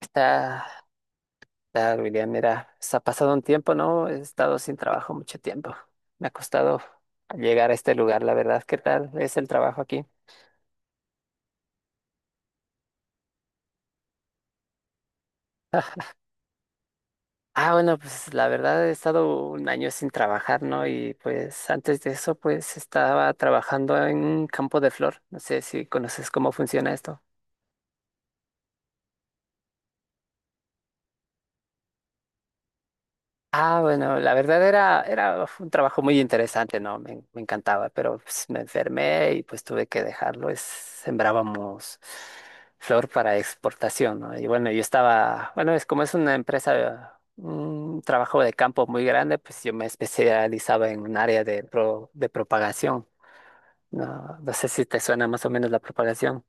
Está, está, William, mira, se ha pasado un tiempo, ¿no? He estado sin trabajo mucho tiempo. Me ha costado llegar a este lugar, la verdad. ¿Qué tal es el trabajo aquí? Ah, bueno, pues la verdad he estado un año sin trabajar, ¿no? Y pues antes de eso, pues estaba trabajando en un campo de flor. No sé si conoces cómo funciona esto. Ah, bueno, la verdad era, era fue un trabajo muy interesante, ¿no? Me encantaba, pero pues, me enfermé y pues tuve que dejarlo. Es, sembrábamos flor para exportación, ¿no? Y bueno, yo estaba, bueno, es como es una empresa, un trabajo de campo muy grande, pues yo me especializaba en un área de propagación, ¿no? No sé si te suena más o menos la propagación.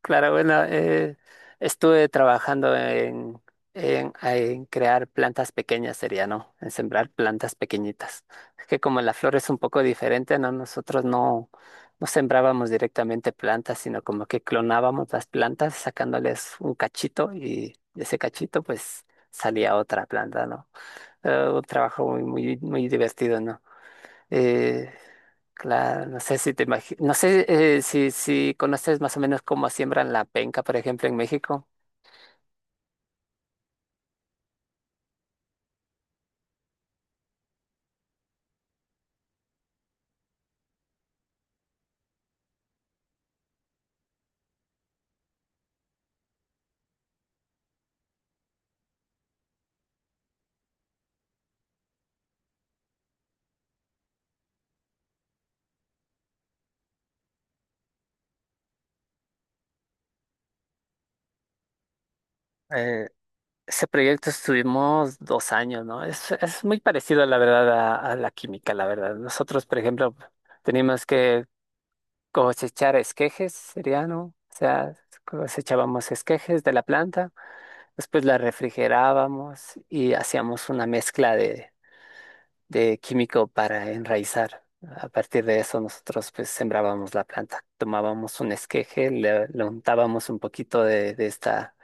Claro, bueno, estuve trabajando en crear plantas pequeñas, sería, ¿no? En sembrar plantas pequeñitas. Es que como la flor es un poco diferente, ¿no? Nosotros no, no sembrábamos directamente plantas, sino como que clonábamos las plantas sacándoles un cachito y de ese cachito pues salía otra planta, ¿no? Un trabajo muy, muy, muy divertido, ¿no? Eh, claro, no sé si conoces más o menos cómo siembran la penca, por ejemplo, en México. Eh, ese proyecto estuvimos 2 años, ¿no? Es muy parecido, la verdad, a la química, la verdad. Nosotros, por ejemplo, teníamos que cosechar esquejes, sería, ¿no? O sea, cosechábamos esquejes de la planta, después la refrigerábamos y hacíamos una mezcla de químico para enraizar. A partir de eso nosotros pues sembrábamos la planta, tomábamos un esqueje, le untábamos un poquito de, de esta,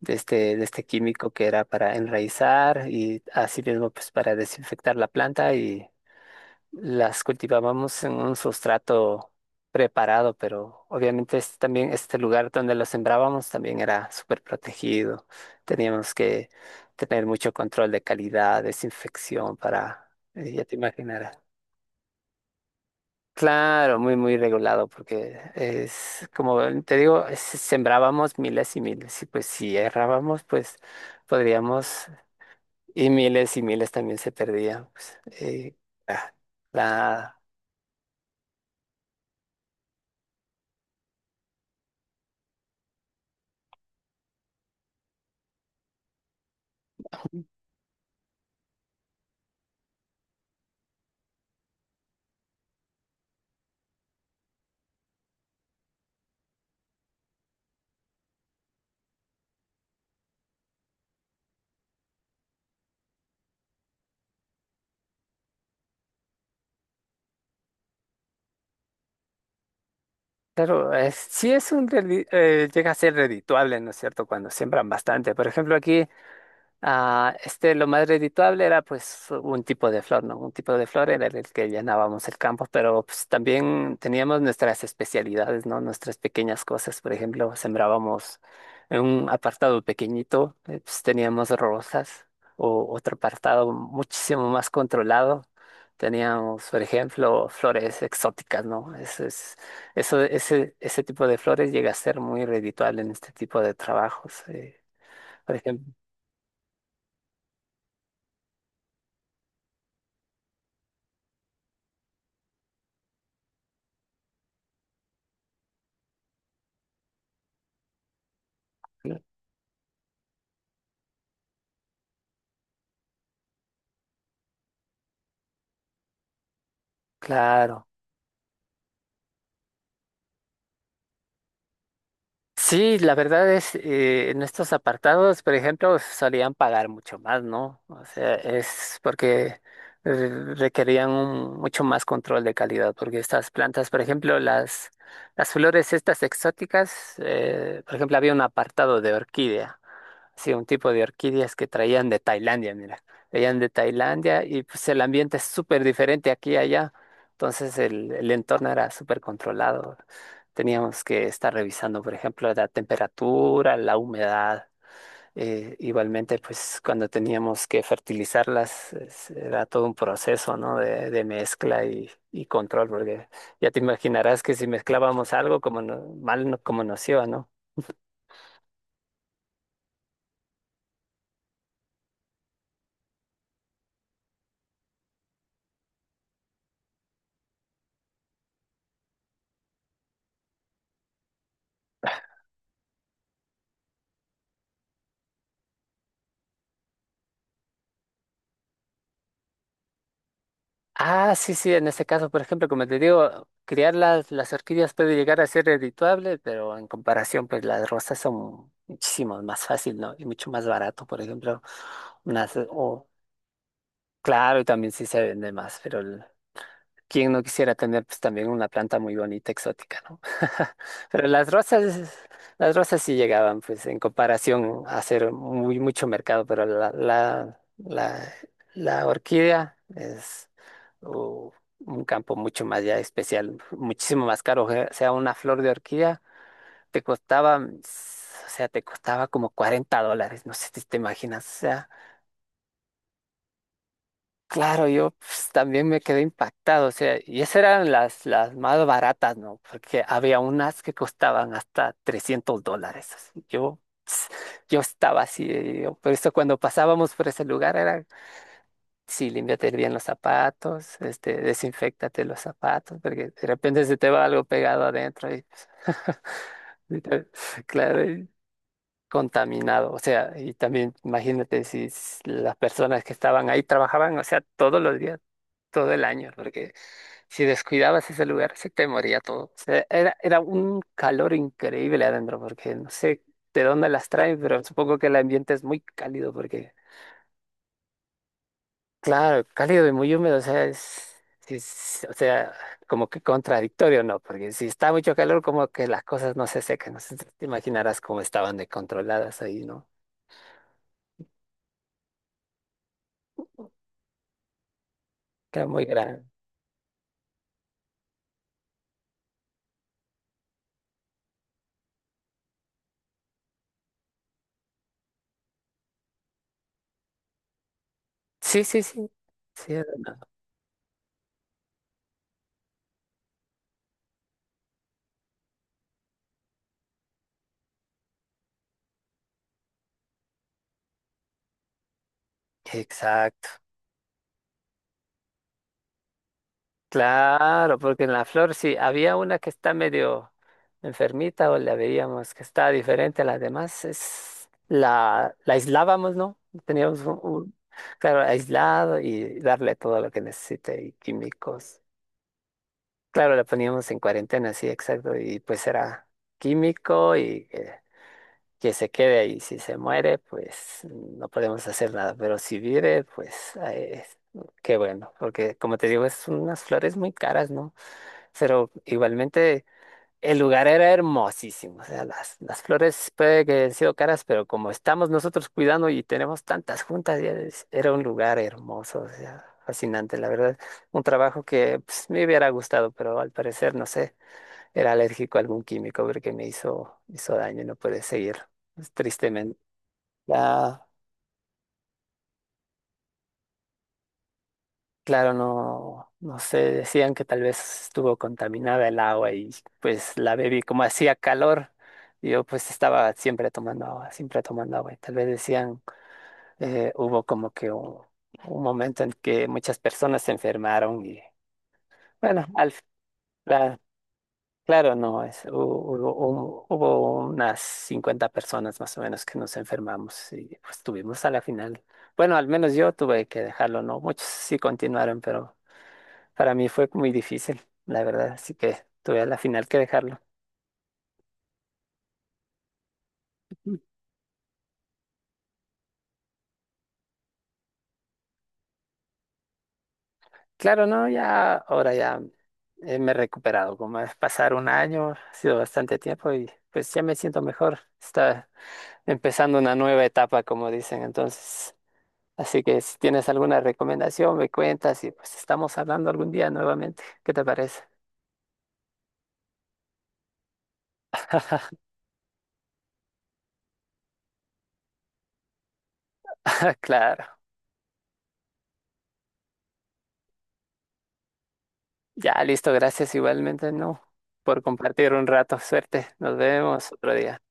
de este, de este químico que era para enraizar y así mismo pues para desinfectar la planta y las cultivábamos en un sustrato preparado, pero obviamente este también este lugar donde lo sembrábamos también era súper protegido. Teníamos que tener mucho control de calidad, desinfección para, ya te imaginarás. Claro, muy, muy regulado, porque es como te digo, sembrábamos miles y miles, y pues si errábamos, pues podríamos, y miles también se perdían. Ah, la- Claro, sí es un, llega a ser redituable, ¿no es cierto? Cuando siembran bastante. Por ejemplo, aquí ah, este, lo más redituable era pues un tipo de flor, ¿no? Un tipo de flor era el que llenábamos el campo, pero pues también teníamos nuestras especialidades, ¿no? Nuestras pequeñas cosas, por ejemplo, sembrábamos en un apartado pequeñito, pues teníamos rosas, o otro apartado muchísimo más controlado, teníamos, por ejemplo, flores exóticas, ¿no? Eso es, eso, ese tipo de flores llega a ser muy redituable en este tipo de trabajos, por ejemplo, claro. Sí, la verdad es, en estos apartados, por ejemplo, solían pagar mucho más, ¿no? O sea, es porque eh, mucho más control de calidad, porque estas plantas, por ejemplo, las flores estas exóticas, por ejemplo, había un apartado de orquídea. Sí, un tipo de orquídeas que traían de Tailandia, mira. Traían de Tailandia y pues el ambiente es súper diferente aquí y allá. Entonces el entorno era súper controlado. Teníamos que estar revisando, por ejemplo, la temperatura, la humedad. Igualmente, pues cuando teníamos que fertilizarlas, era todo un proceso, ¿no? De mezcla y control, porque ya te imaginarás que si mezclábamos algo, como no- mal no- como nos iba, ¿no? Ah, sí, sí, en este caso, por ejemplo, como te digo, criar las orquídeas puede llegar a ser redituable, pero en comparación, pues las rosas son muchísimo más fácil, ¿no? Y mucho más barato, por ejemplo, unas, o, claro, y también sí se vende más, pero ¿quién no quisiera tener pues también una planta muy bonita, exótica, ¿no? Pero las rosas sí llegaban, pues en comparación a hacer muy mucho mercado, pero la orquídea es uh, un campo mucho más ya especial, muchísimo más caro. O sea, una flor de orquídea te costaba, o sea, te costaba como $40, no sé si te imaginas, o sea. Claro, yo pues, también me quedé impactado, o sea, y esas eran las más baratas, ¿no? Porque había unas que costaban hasta $300. Así, ps, yo estaba así, por eso cuando pasábamos por ese lugar era, sí, límpiate bien los zapatos, este, desinféctate los zapatos, porque de repente se te va algo pegado adentro y, y te- claro, y contaminado. O sea, y también imagínate si s- las personas que estaban ahí trabajaban, o sea, todos los días todo el año, porque si descuidabas ese lugar, se te moría todo. O sea, era un calor increíble adentro, porque no sé de dónde las traen, pero supongo que el ambiente es muy cálido, porque, claro, cálido y muy húmedo, o sea, es, o sea, como que contradictorio, ¿no? Porque si está mucho calor, como que las cosas no se secan, no sé, si te imaginarás cómo estaban descontroladas ahí, ¿no? Era muy grande. Sí, sí, sí. Sí, era una- exacto. Claro, porque en la flor sí, había una que está medio enfermita o la veíamos que está diferente a las demás, la aislábamos, ¿no? Teníamos un, un- claro, aislado y darle todo lo que necesite y químicos. Claro, la poníamos en cuarentena, sí, exacto, y pues era químico que se quede ahí. Si se muere, pues no podemos hacer nada, pero si vive, pues qué bueno, porque como te digo, es unas flores muy caras, ¿no? Pero igualmente el lugar era hermosísimo. O sea, las flores puede que hayan sido caras, pero como estamos nosotros cuidando y tenemos tantas juntas, era un lugar hermoso, o sea, fascinante, la verdad. Un trabajo que pues, me hubiera gustado, pero al parecer, no sé, era alérgico a algún químico porque me hizo daño y no pude seguir, pues, tristemente. Ya claro, no, no sé, decían que tal vez estuvo contaminada el agua y pues la bebí como hacía calor, yo pues estaba siempre tomando agua y tal vez decían, hubo como que un momento en que muchas personas se enfermaron y bueno, al, la- claro, no, es, hu- hubo, un- hubo unas 50 personas más o menos que nos enfermamos y pues tuvimos a la final, bueno, al menos yo tuve que dejarlo, ¿no? Muchos sí continuaron, pero... Para mí fue muy difícil, la verdad, así que tuve a la final que dejarlo. Claro, no, ya ahora ya me he recuperado, como es pasar un año, ha sido bastante tiempo y pues ya me siento mejor. Está empezando una nueva etapa, como dicen, entonces. Así que si tienes alguna recomendación, me cuentas y pues estamos hablando algún día nuevamente. ¿Qué te parece? Claro. Ya, listo, gracias igualmente, no, por compartir un rato. Suerte, nos vemos otro día.